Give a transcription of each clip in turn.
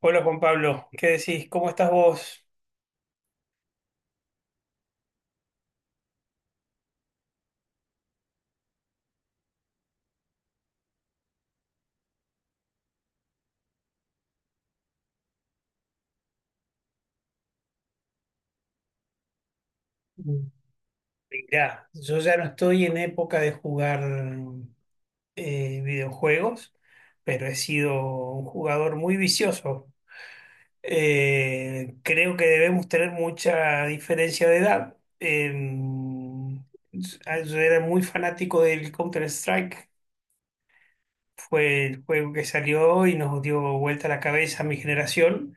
Hola Juan Pablo, ¿qué decís? ¿Cómo estás vos? Mirá, yo ya no estoy en época de jugar videojuegos, pero he sido un jugador muy vicioso. Creo que debemos tener mucha diferencia de edad. Yo era muy fanático del Counter-Strike, fue el juego que salió y nos dio vuelta la cabeza a mi generación.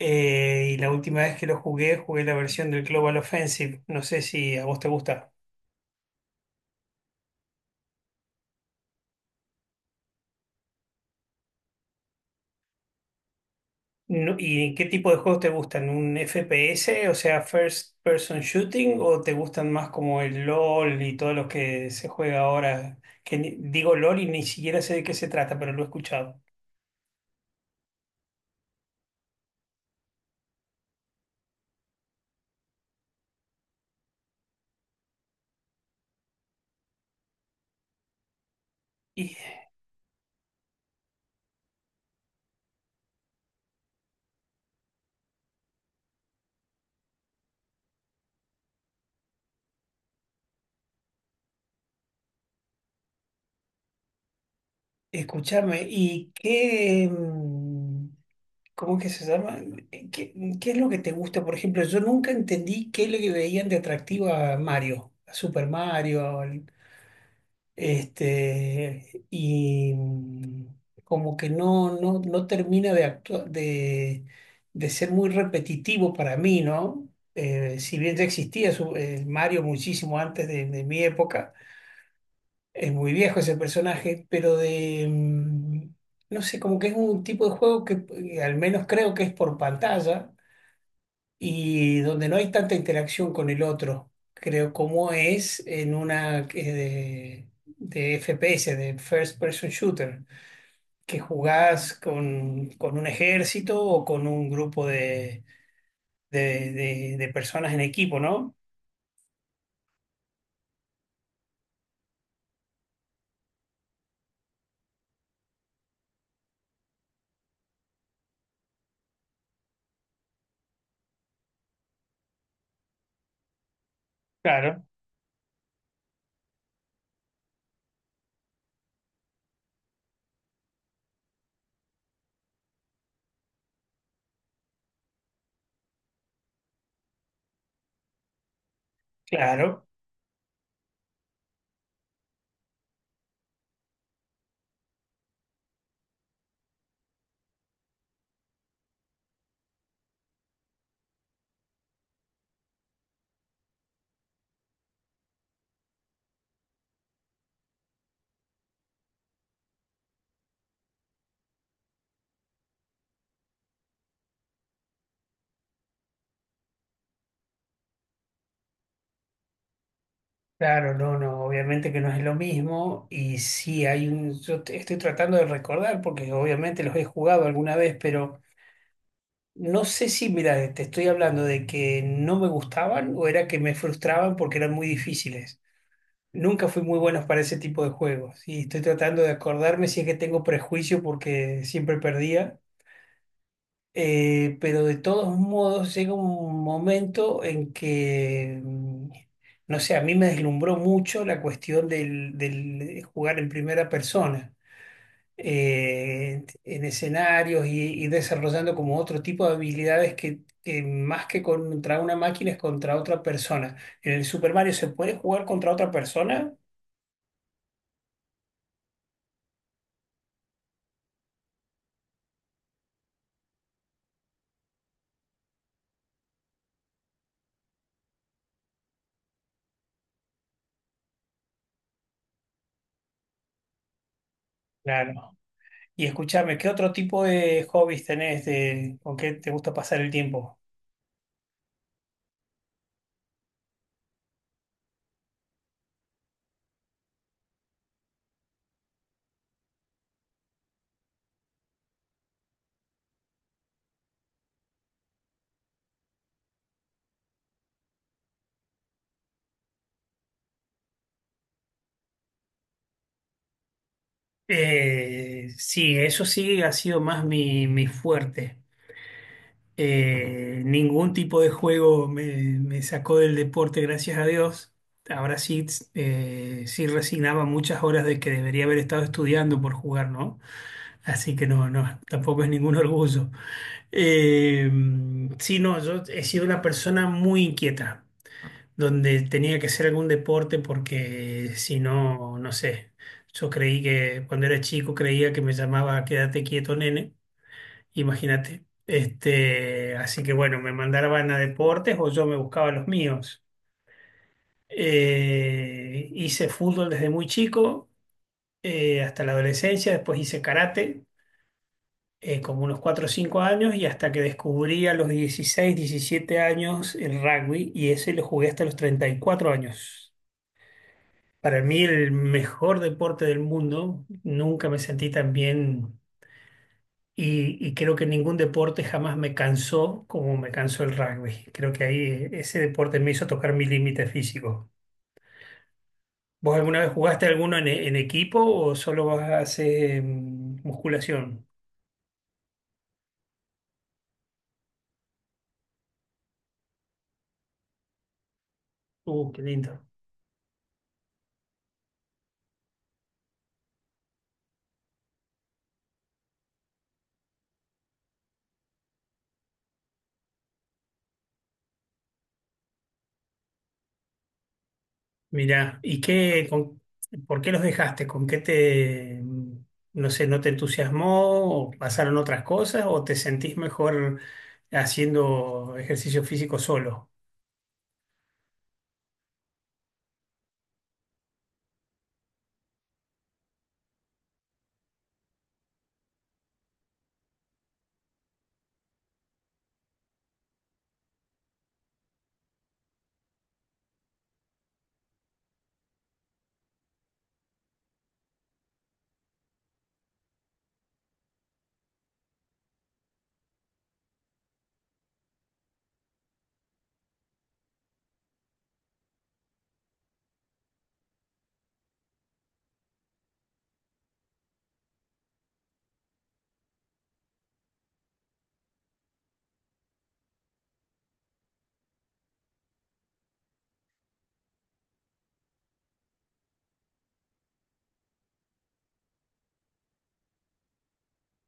Y la última vez que lo jugué, jugué la versión del Global Offensive. No sé si a vos te gusta. ¿Y qué tipo de juegos te gustan? ¿Un FPS, o sea, First Person Shooting, o te gustan más como el LOL y todos los que se juega ahora? Que digo LOL y ni siquiera sé de qué se trata, pero lo he escuchado. Y escúchame, ¿y qué, cómo que se llama? Eh, ¿Qué, qué es lo que te gusta? Por ejemplo, yo nunca entendí qué le veían de atractivo a Mario, a Super Mario. Este, y como que no termina de ser muy repetitivo para mí, ¿no? Si bien ya existía el Mario muchísimo antes de mi época, es muy viejo ese personaje, pero no sé, como que es un tipo de juego que al menos creo que es por pantalla y donde no hay tanta interacción con el otro, creo, como es en una de FPS, de First Person Shooter, que jugás con un ejército o con un grupo de personas en equipo, ¿no? Claro, claro. Claro, no, no, obviamente que no es lo mismo y sí hay estoy tratando de recordar porque obviamente los he jugado alguna vez, pero no sé si, mira, te estoy hablando de que no me gustaban o era que me frustraban porque eran muy difíciles. Nunca fui muy bueno para ese tipo de juegos y estoy tratando de acordarme si es que tengo prejuicio porque siempre perdía. Pero de todos modos llega un momento en que, no sé, a mí me deslumbró mucho la cuestión del jugar en primera persona en escenarios y desarrollando como otro tipo de habilidades que más que contra una máquina es contra otra persona. En el Super Mario se puede jugar contra otra persona, claro. Y escúchame, ¿qué otro tipo de hobbies tenés con qué te gusta pasar el tiempo? Sí, eso sí ha sido más mi fuerte. Ningún tipo de juego me sacó del deporte, gracias a Dios. Ahora sí, sí resignaba muchas horas de que debería haber estado estudiando por jugar, ¿no? Así que no, no, tampoco es ningún orgullo. Eh, sí, no, yo he sido una persona muy inquieta, donde tenía que hacer algún deporte porque si no, no sé. Yo creí que cuando era chico creía que me llamaba Quédate quieto, nene. Imagínate. Este, así que bueno, me mandaban a deportes o yo me buscaba los míos. Hice fútbol desde muy chico, hasta la adolescencia, después hice karate, como unos 4 o 5 años, y hasta que descubrí a los 16 17 años el rugby, y ese lo jugué hasta los 34 años. Para mí el mejor deporte del mundo, nunca me sentí tan bien y creo que ningún deporte jamás me cansó como me cansó el rugby. Creo que ahí ese deporte me hizo tocar mi límite físico. ¿Vos alguna vez jugaste alguno en equipo o solo vas a hacer musculación? Qué lindo. Mirá, ¿ por qué los dejaste? ¿Con qué no sé, no te entusiasmó o pasaron otras cosas o te sentís mejor haciendo ejercicio físico solo?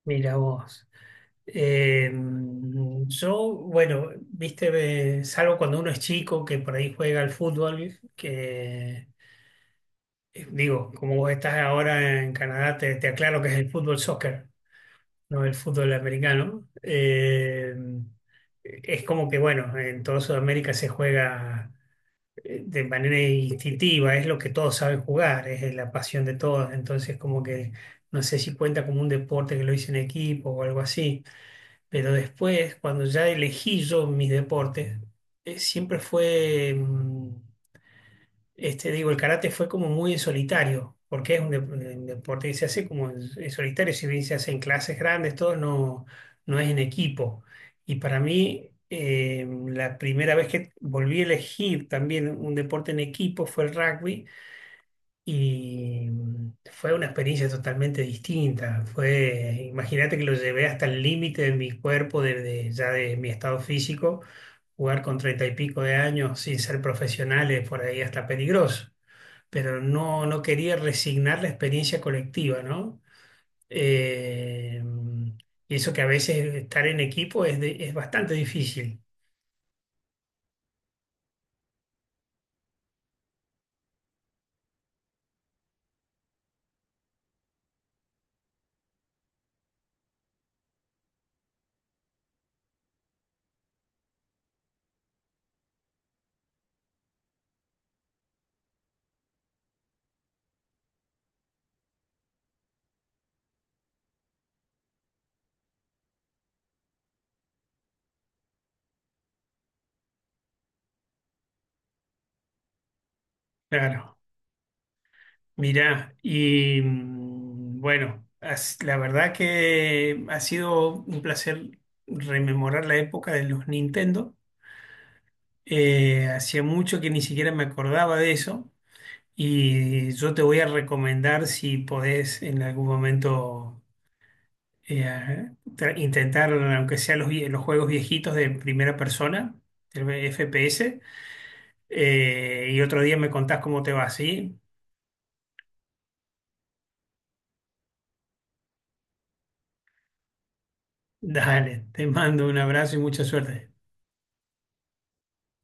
Mira vos. Eh, yo, bueno, viste, salvo cuando uno es chico que por ahí juega al fútbol, que digo, como vos estás ahora en Canadá, te aclaro que es el fútbol soccer, no el fútbol americano. Es como que, bueno, en toda Sudamérica se juega de manera instintiva, es lo que todos saben jugar, es la pasión de todos, entonces como que no sé si cuenta como un deporte que lo hice en equipo o algo así. Pero después, cuando ya elegí yo mis deportes, siempre fue, este, digo, el karate fue como muy en solitario, porque es un deporte que se hace como en solitario, si bien se hace en clases grandes, todo no, no es en equipo. Y para mí, la primera vez que volví a elegir también un deporte en equipo fue el rugby y fue una experiencia totalmente distinta. Fue, imagínate que lo llevé hasta el límite de mi cuerpo, ya de mi estado físico, jugar con 30 y pico de años sin ser profesionales, por ahí hasta peligroso. Pero no, no quería resignar la experiencia colectiva, ¿no? Eh, mm, y eso que a veces estar en equipo es bastante difícil. Claro. Mirá, y bueno, la verdad que ha sido un placer rememorar la época de los Nintendo. Hacía mucho que ni siquiera me acordaba de eso y yo te voy a recomendar si podés en algún momento intentar, aunque sea los juegos viejitos de primera persona, el FPS, y otro día me contás cómo te va, ¿sí? Dale, te mando un abrazo y mucha suerte.